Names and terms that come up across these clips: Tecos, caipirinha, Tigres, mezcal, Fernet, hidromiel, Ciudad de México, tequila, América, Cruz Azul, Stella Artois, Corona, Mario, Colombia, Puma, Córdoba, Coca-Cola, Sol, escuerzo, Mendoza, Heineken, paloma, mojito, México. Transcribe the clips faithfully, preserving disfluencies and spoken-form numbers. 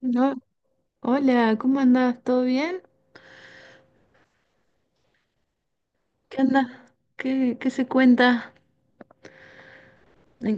No, hola, ¿cómo andás? ¿Todo bien? ¿Qué andas? ¿Qué, qué se cuenta? Eh,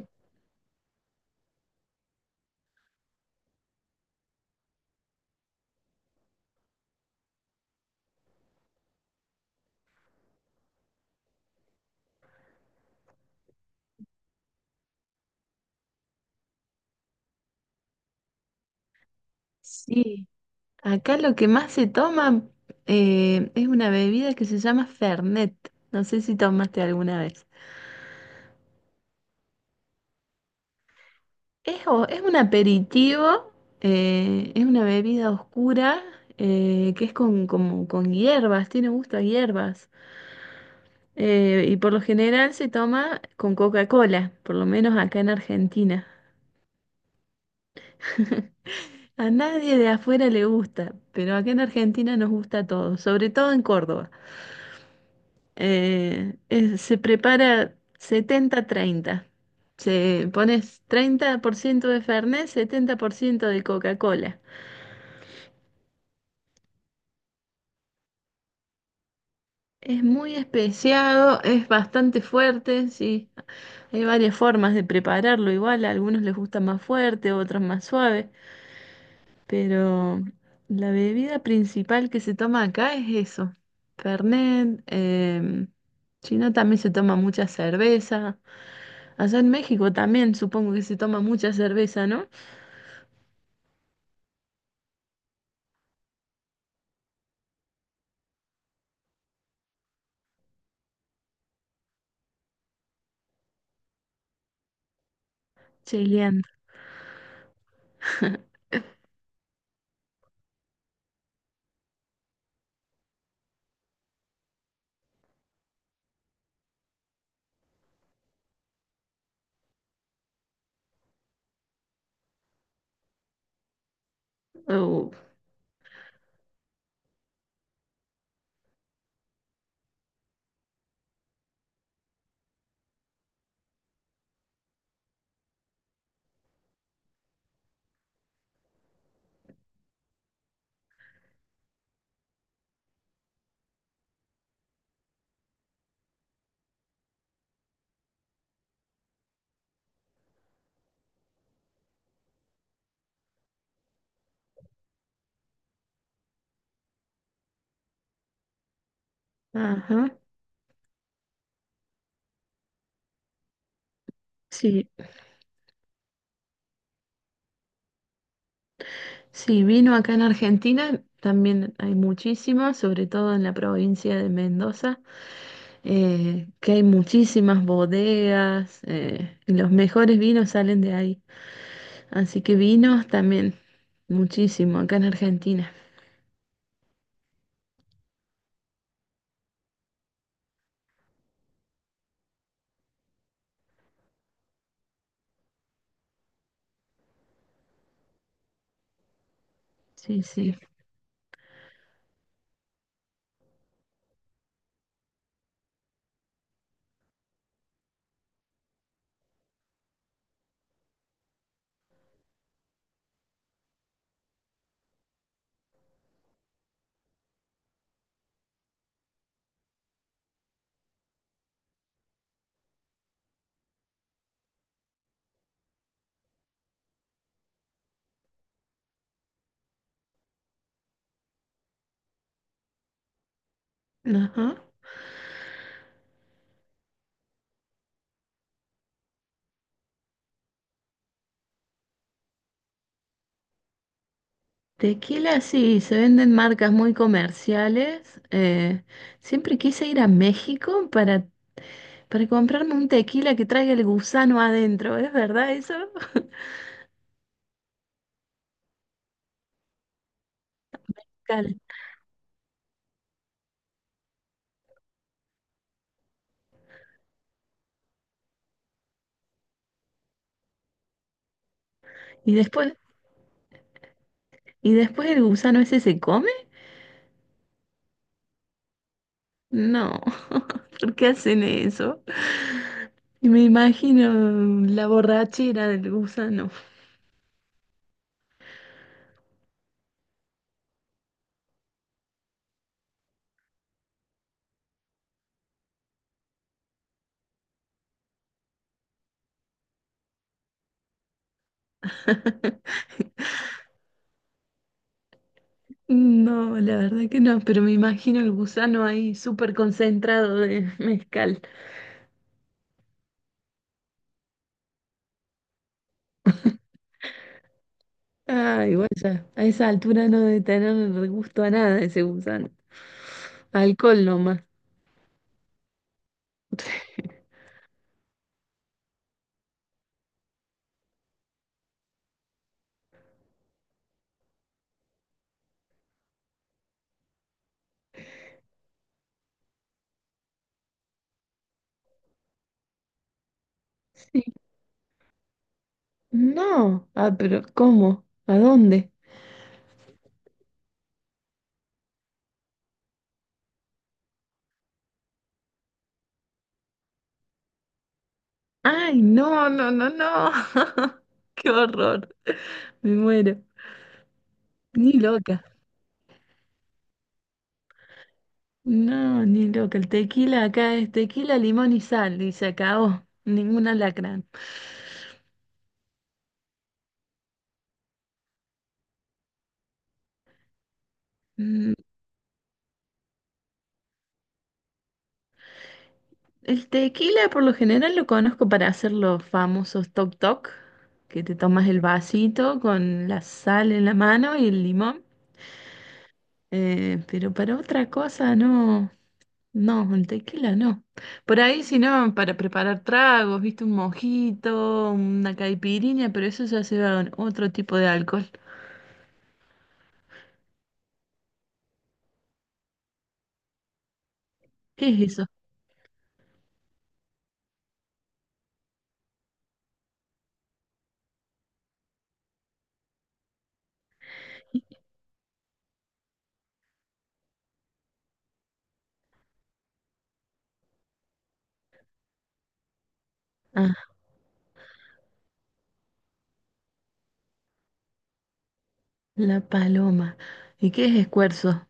Sí, acá lo que más se toma eh, es una bebida que se llama Fernet. No sé si tomaste alguna vez. Es, o- es un aperitivo, eh, es una bebida oscura eh, que es con, como, con hierbas, tiene gusto a hierbas. Eh, y por lo general se toma con Coca-Cola, por lo menos acá en Argentina. A nadie de afuera le gusta, pero acá en Argentina nos gusta todo, sobre todo en Córdoba. Eh, es- se prepara setenta treinta. Se pones treinta por ciento de Fernet, setenta por ciento de Coca-Cola. Es muy especiado, es bastante fuerte, sí. Hay varias formas de prepararlo igual, a algunos les gusta más fuerte, otros más suave. Pero la bebida principal que se toma acá es eso, Fernet. Em, si no, también se toma mucha cerveza. Allá en México también supongo que se toma mucha cerveza, ¿no? Chilean. Oh, ajá. Sí, sí, vino acá en Argentina, también hay muchísimo, sobre todo en la provincia de Mendoza, eh, que hay muchísimas bodegas, eh, y los mejores vinos salen de ahí. Así que vinos también, muchísimo, acá en Argentina. Sí, sí. Ajá. Tequila, sí, se venden marcas muy comerciales. Eh, siempre quise ir a México para, para comprarme un tequila que traiga el gusano adentro, ¿es verdad eso? Cal- Y después, ¿y después el gusano ese se come? No, ¿por qué hacen eso? Y me imagino la borrachera del gusano. No, la verdad que no, pero me imagino el gusano ahí súper concentrado de mezcal. Ah, igual ya, a esa altura no debe tener gusto a nada ese gusano. Alcohol nomás. Sí. No, ah, pero ¿cómo? ¿A dónde? Ay, no, no, no, no. Qué horror. Me muero. Ni loca. No, ni loca. El tequila acá es tequila, limón y sal, y se acabó. Ningún alacrán. El tequila por lo general lo conozco para hacer los famosos toc toc, que te tomas el vasito con la sal en la mano y el limón, eh, pero para otra cosa no, no, el tequila no. Por ahí si no, para preparar tragos, viste, un mojito, una caipirinha, pero eso ya se va con otro tipo de alcohol. ¿Qué es eso? Ah, la paloma. ¿Y qué es escuerzo?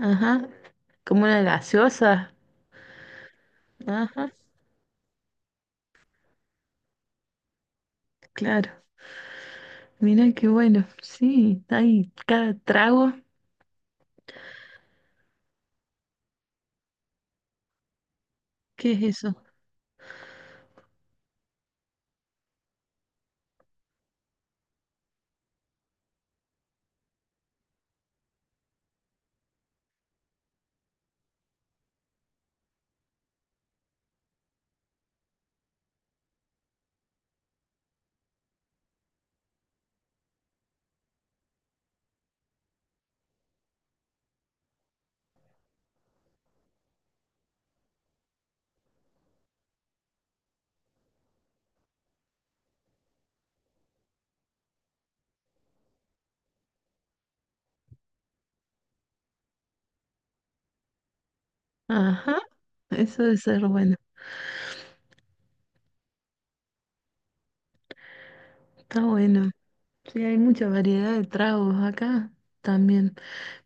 Ajá, como una gaseosa. Ajá, claro. Mira qué bueno, sí, hay cada trago, ¿qué es eso? Ajá, eso debe ser bueno, está bueno. Sí, hay mucha variedad de tragos acá también,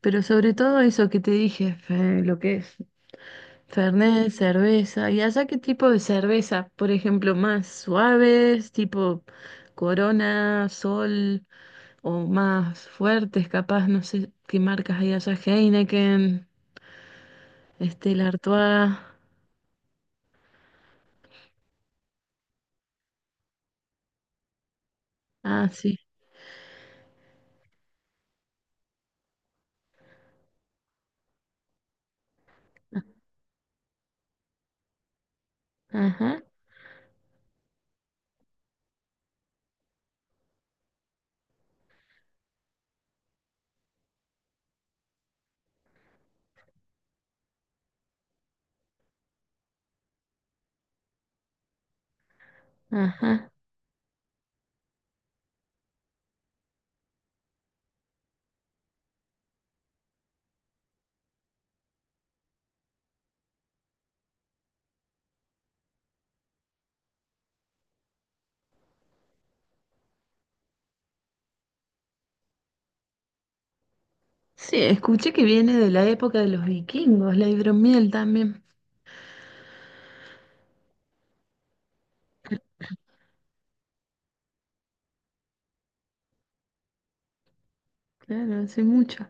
pero sobre todo eso que te dije, fe- lo que es Fernet, cerveza, ¿y allá qué tipo de cerveza? Por ejemplo, más suaves, tipo Corona, Sol, o más fuertes, capaz, no sé qué marcas hay allá, Heineken, Stella Artois, ah, sí. Ajá, ajá. Sí, escuché que viene de la época de los vikingos, la hidromiel también. Claro, hace mucho.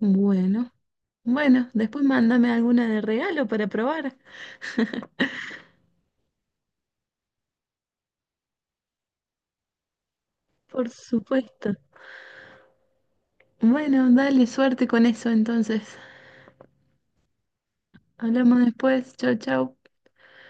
Bueno, bueno, después mándame alguna de regalo para probar. Por supuesto. Bueno, dale suerte con eso entonces. Hablamos después. Chau, chau.